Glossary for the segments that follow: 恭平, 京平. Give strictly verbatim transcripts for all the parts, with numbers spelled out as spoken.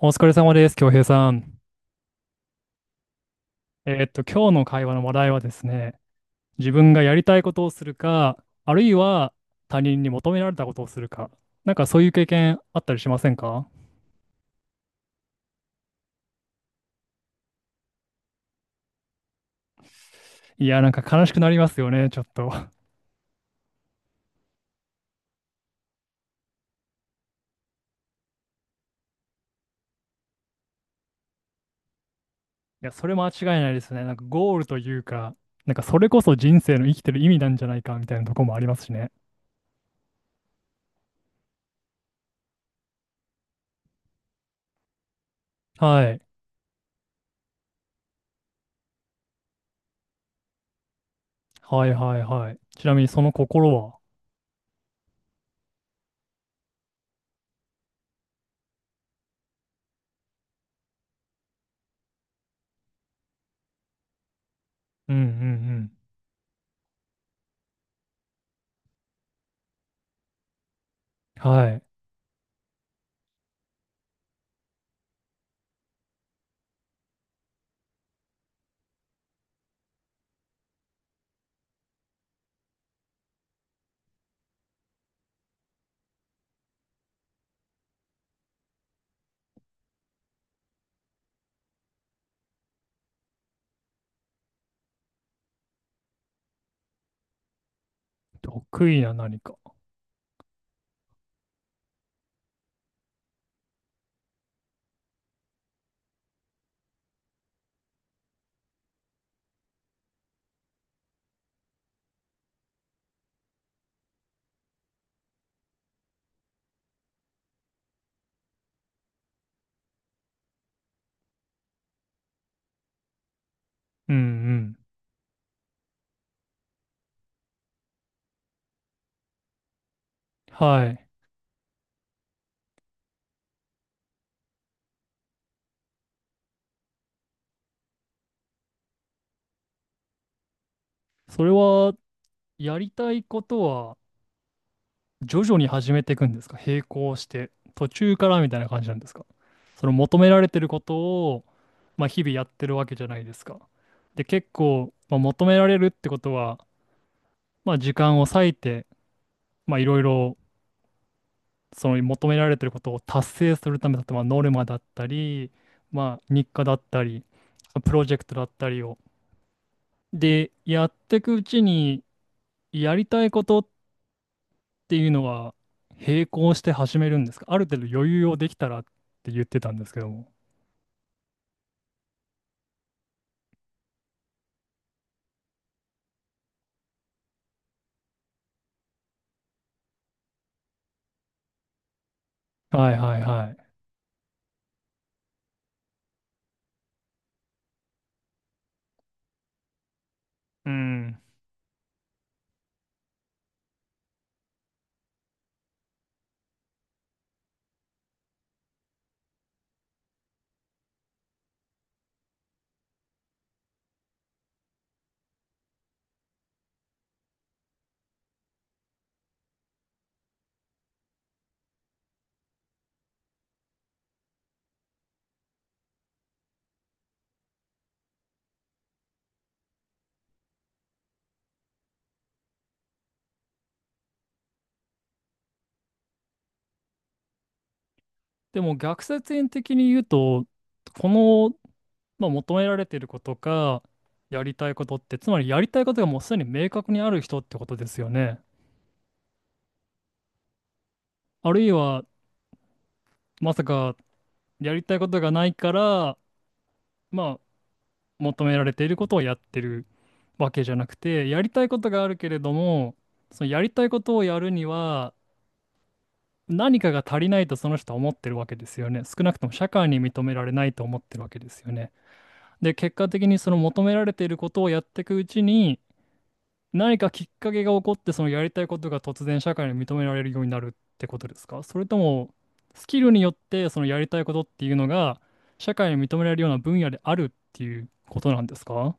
お疲れ様です、京平さん。えーっと、今日の会話の話題はですね、自分がやりたいことをするか、あるいは他人に求められたことをするか、なんかそういう経験あったりしませんか？いや、なんか悲しくなりますよね、ちょっと。いや、それ間違いないですね。なんかゴールというか、なんかそれこそ人生の生きてる意味なんじゃないかみたいなとこもありますしね。はい。はいはいはい。ちなみにその心は？うんうんうん。はい。得意な何か。うんうん。はい。それは、やりたいことは徐々に始めていくんですか？並行して、途中からみたいな感じなんですか？その求められてることを、まあ、日々やってるわけじゃないですか。で、結構、まあ、求められるってことは、まあ、時間を割いて、まあ、いろいろその求められてることを達成するためだと、まあ、ノルマだったり、まあ、日課だったり、プロジェクトだったりを。で、やっていくうちに、やりたいことっっていうのは並行して始めるんですか？ある程度余裕をできたらって言ってたんですけども。はいはいはい。うん。でも逆説円的に言うと、この、まあ、求められていることか、やりたいことって、つまりやりたいことがもうすでに明確にある人ってことですよね。あるいは、まさかやりたいことがないから、まあ、求められていることをやってるわけじゃなくて、やりたいことがあるけれども、そのやりたいことをやるには、何かが足りないとその人は思ってるわけですよね。少なくとも社会に認められないと思ってるわけですよね。で、結果的にその求められていることをやっていくうちに、何かきっかけが起こって、そのやりたいことが突然社会に認められるようになるってことですか？それとも、スキルによってそのやりたいことっていうのが、社会に認められるような分野であるっていうことなんですか？は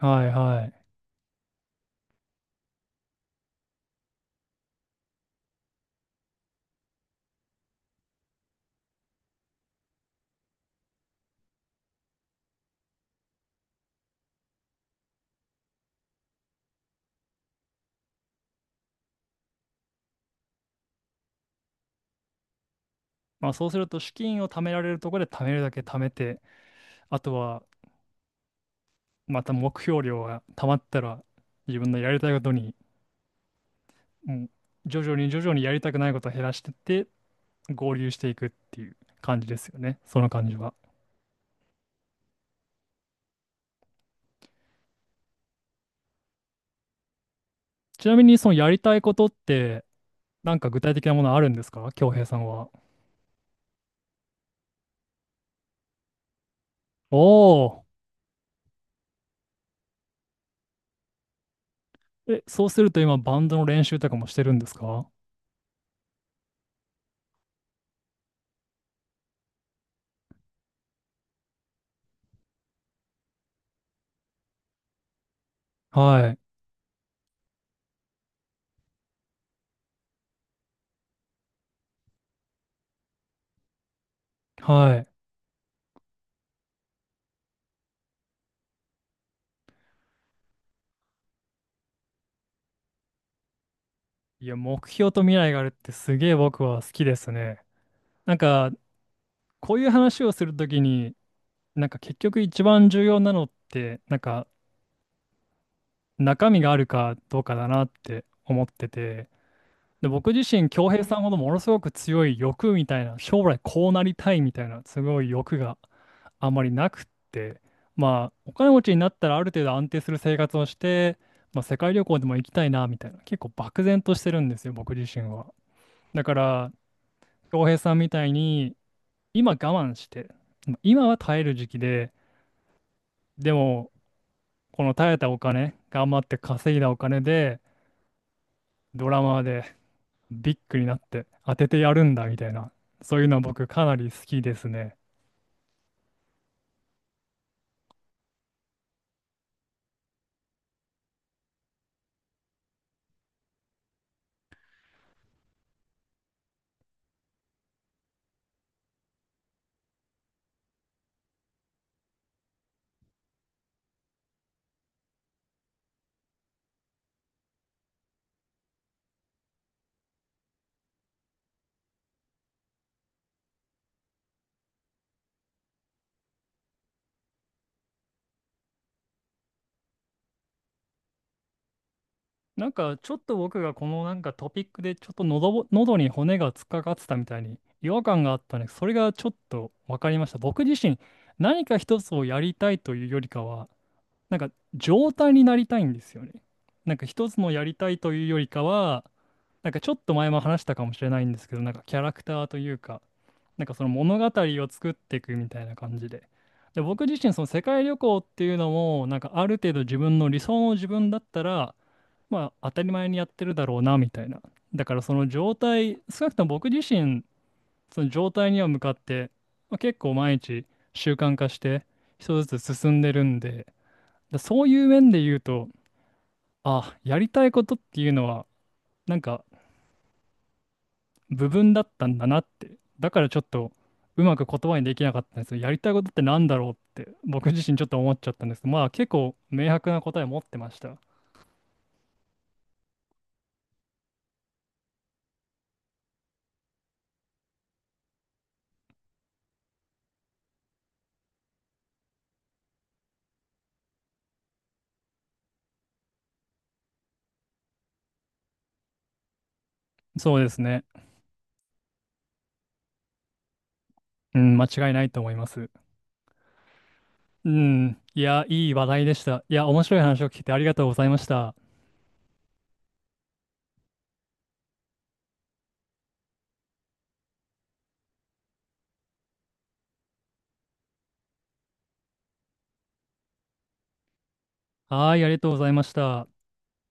いはい。まあそうすると資金を貯められるところで貯めるだけ貯めて、あとはまた目標量が溜まったら自分のやりたいことに、もう徐々に徐々にやりたくないことを減らしてって合流していくっていう感じですよね。その感じは。ちなみにそのやりたいことってなんか具体的なものあるんですか？恭平さんは。おお。え、そうすると今バンドの練習とかもしてるんですか？はい。はい。いや、目標と未来があるってすげえ僕は好きですね。なんかこういう話をするときになんか結局一番重要なのってなんか中身があるかどうかだなって思ってて、で、僕自身、恭平さんほどものすごく強い欲みたいな、将来こうなりたいみたいな、すごい欲があんまりなくって、まあ、お金持ちになったらある程度安定する生活をして、まあ、世界旅行でも行きたいなみたいな、結構漠然としてるんですよ、僕自身は。だから、恭平さんみたいに、今我慢して、今は耐える時期で、でも、この耐えたお金、頑張って稼いだお金で、ドラマでビッグになって当ててやるんだみたいな、そういうのは僕かなり好きですね。なんかちょっと僕がこのなんかトピックでちょっと喉、喉に骨が突っかかってたみたいに違和感があったね。それがちょっと分かりました。僕自身何か一つをやりたいというよりかは、なんか状態になりたいんですよね。なんか一つのやりたいというよりかは、なんかちょっと前も話したかもしれないんですけど、なんかキャラクターというか、なんかその物語を作っていくみたいな感じで。で、僕自身その世界旅行っていうのも、なんかある程度自分の理想の自分だったら、まあ当たり前にやってるだろうなみたいな。だからその状態、少なくとも僕自身、その状態には向かって、まあ、結構毎日習慣化して一つずつ進んでるんで、だそういう面で言うと、あ、やりたいことっていうのは、なんか部分だったんだなって。だからちょっとうまく言葉にできなかったんですよ。やりたいことってなんだろうって僕自身ちょっと思っちゃったんですけど、まあ結構明白な答え持ってました。そうですね。うん、間違いないと思います。うん、いや、いい話題でした。いや、面白い話を聞いてありがとうございました。はい、ありがとうございました。